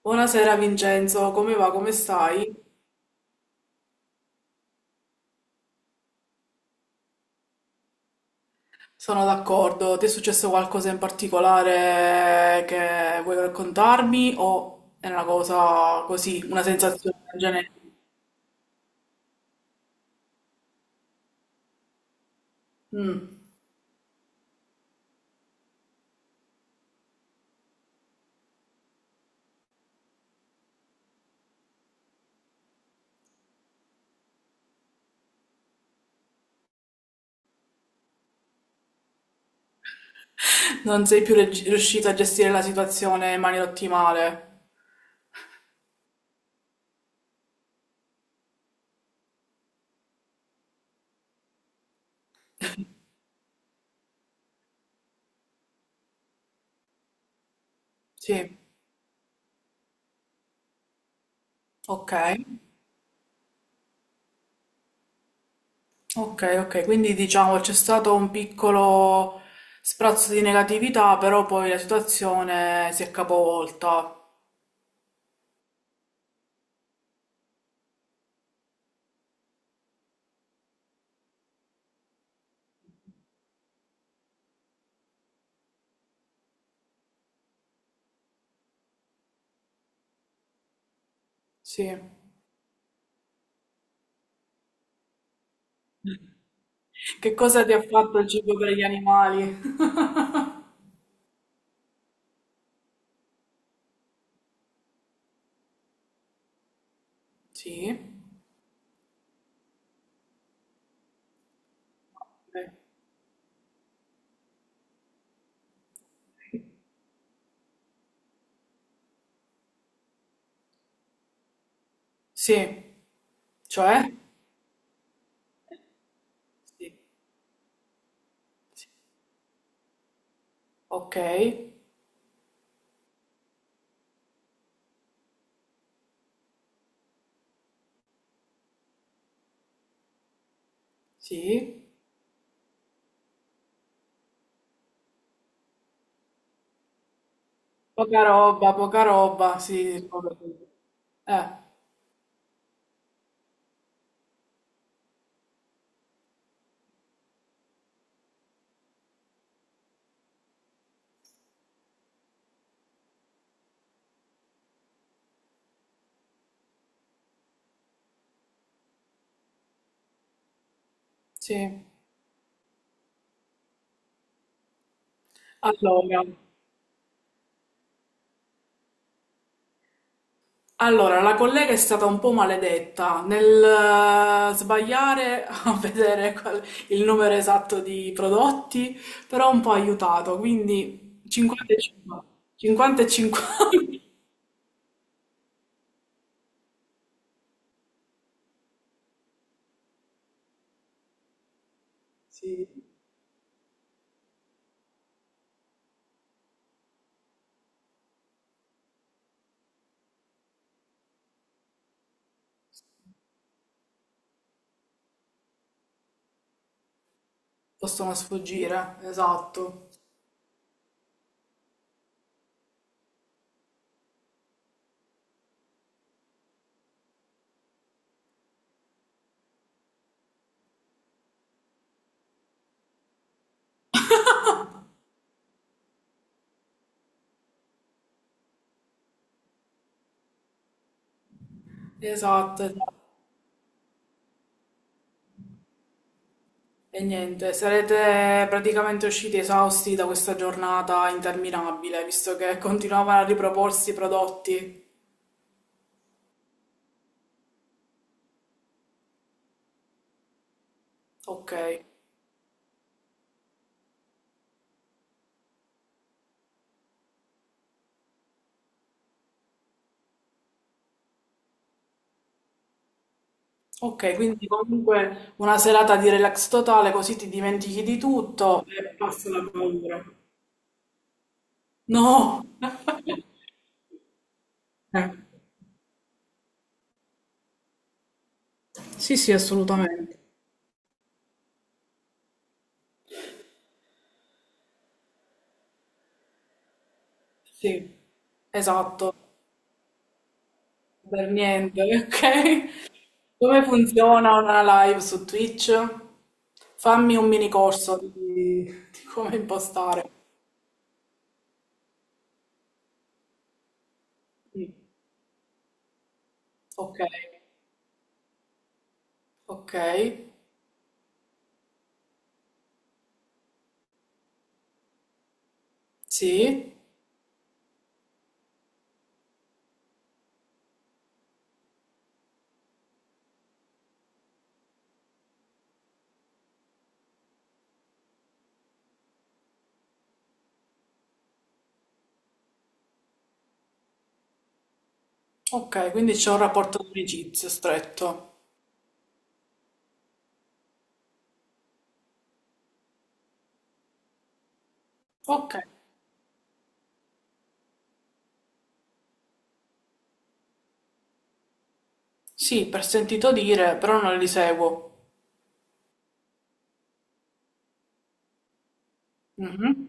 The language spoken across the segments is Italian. Buonasera Vincenzo, come va? Come stai? Sono d'accordo. Ti è successo qualcosa in particolare che vuoi raccontarmi o è una cosa così, una sensazione generica? Mm. Non sei più riuscito a gestire la situazione in maniera ottimale? Sì. Ok. Ok, ok. Quindi diciamo c'è stato un piccolo sprazzo di negatività, però poi la situazione si è capovolta. Sì. Che cosa ti ha fatto il cibo per gli animali? Sì. Beh. Sì, cioè? Sì. Sì. Ok, sì. Poca roba, sì. Ricordo. Eh, sì. Allora, allora, la collega è stata un po' maledetta nel sbagliare a vedere il numero esatto di prodotti, però un po' ha aiutato, quindi 50 e 50. 50 e 50. Sì, possono sfuggire, esatto. Esatto, esatto. E niente, sarete praticamente usciti esausti da questa giornata interminabile, visto che continuavano a riproporsi i prodotti. Ok, ok, quindi comunque una serata di relax totale, così ti dimentichi di tutto e passa la paura. No! Eh, sì, sì, assolutamente. Sì, esatto, per niente, ok? Come funziona una live su Twitch? Fammi un mini corso di come impostare. Mm. Ok, ok, sì, ok, quindi c'è un rapporto di amicizia stretto. Ok, sì, per sentito dire, però non li seguo. Mhm.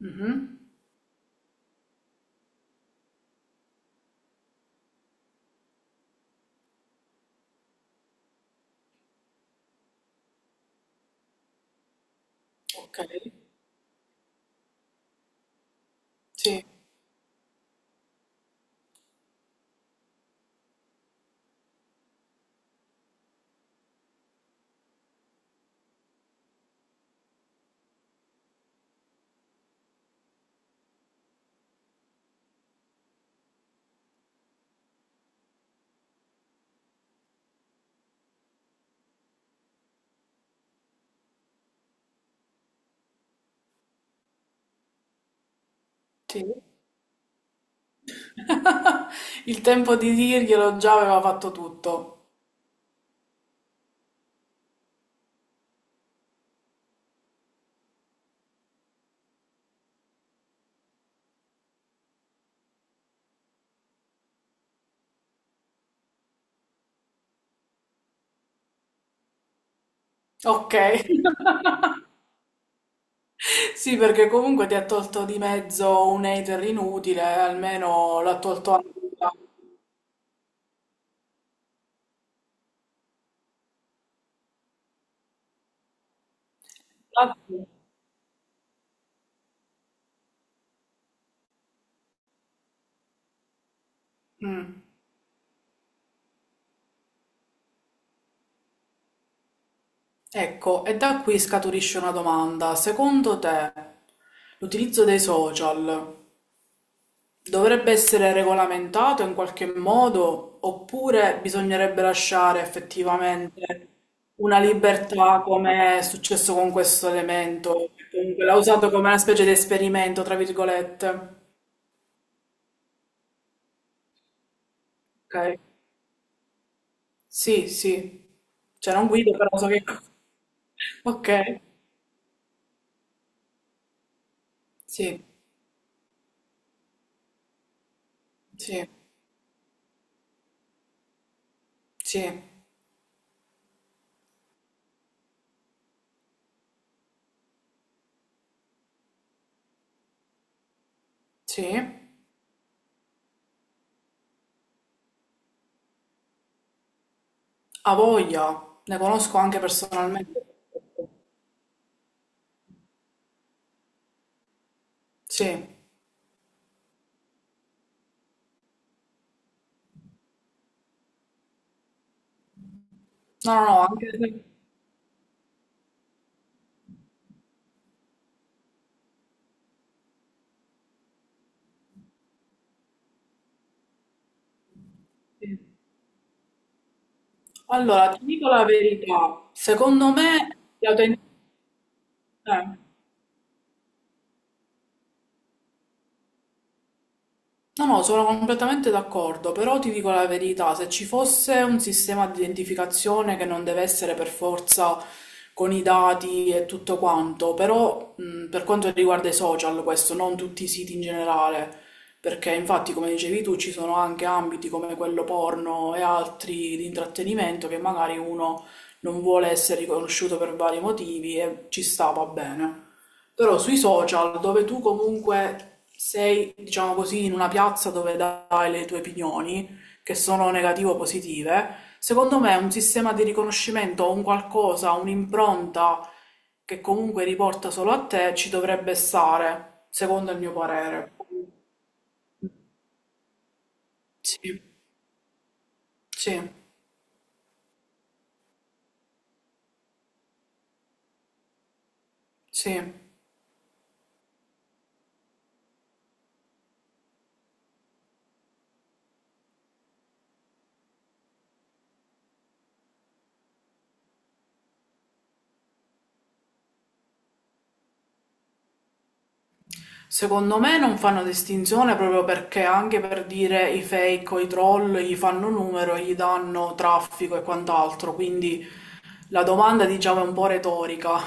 Mhm. Ok, sì, sì. Il tempo di dirglielo già aveva fatto tutto. Ok. Sì, perché comunque ti ha tolto di mezzo un hater inutile, almeno l'ha tolto anche. da- Mm. Ecco, e da qui scaturisce una domanda. Secondo te, l'utilizzo dei social dovrebbe essere regolamentato in qualche modo oppure bisognerebbe lasciare effettivamente una libertà come è successo con questo elemento? Comunque l'ha usato come una specie di esperimento, tra virgolette. Ok. Sì, sì. Cioè non guido, però so che... Ok, sì, sì, sì, sì. A voglia, ne conosco anche personalmente. Sì, no, no, no, anche... sì. Allora, ti dico la verità, secondo me... eh. No, no, sono completamente d'accordo, però ti dico la verità, se ci fosse un sistema di identificazione che non deve essere per forza con i dati e tutto quanto, però per quanto riguarda i social, questo, non tutti i siti in generale, perché infatti, come dicevi tu, ci sono anche ambiti come quello porno e altri di intrattenimento che magari uno non vuole essere riconosciuto per vari motivi e ci sta, va bene. Però sui social, dove tu comunque sei, diciamo così, in una piazza dove dai le tue opinioni, che sono negative o positive, secondo me un sistema di riconoscimento, un qualcosa, un'impronta che comunque riporta solo a te, ci dovrebbe stare, secondo il mio parere. Sì, sì, sì. Secondo me non fanno distinzione proprio perché anche per dire i fake o i troll gli fanno numero, gli danno traffico e quant'altro, quindi la domanda diciamo è un po' retorica,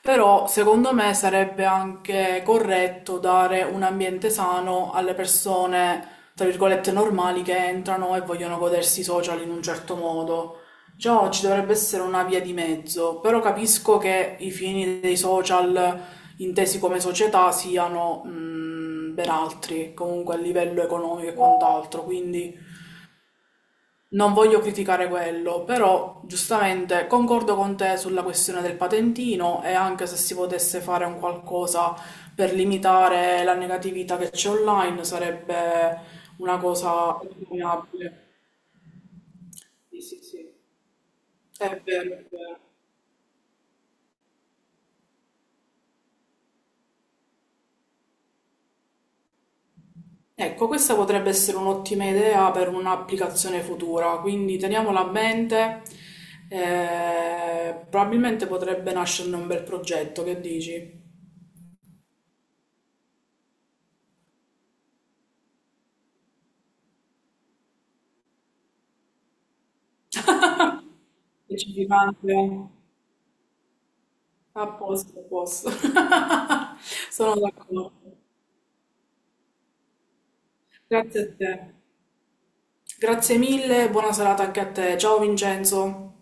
però secondo me sarebbe anche corretto dare un ambiente sano alle persone, tra virgolette, normali che entrano e vogliono godersi i social in un certo modo. Già ci dovrebbe essere una via di mezzo, però capisco che i fini dei social intesi come società siano mm, ben altri, comunque a livello economico e quant'altro, quindi... Non voglio criticare quello, però giustamente concordo con te sulla questione del patentino e anche se si potesse fare un qualcosa per limitare la negatività che c'è online sarebbe una cosa abominabile. Sì, sì, sì. È vero, è vero. Ecco, questa potrebbe essere un'ottima idea per un'applicazione futura, quindi teniamola a mente. Eh, probabilmente potrebbe nascerne un bel progetto, che dici? Specificante. A posto, a posto. Sono d'accordo. Grazie a te. Grazie mille, buona serata anche a te. Ciao Vincenzo.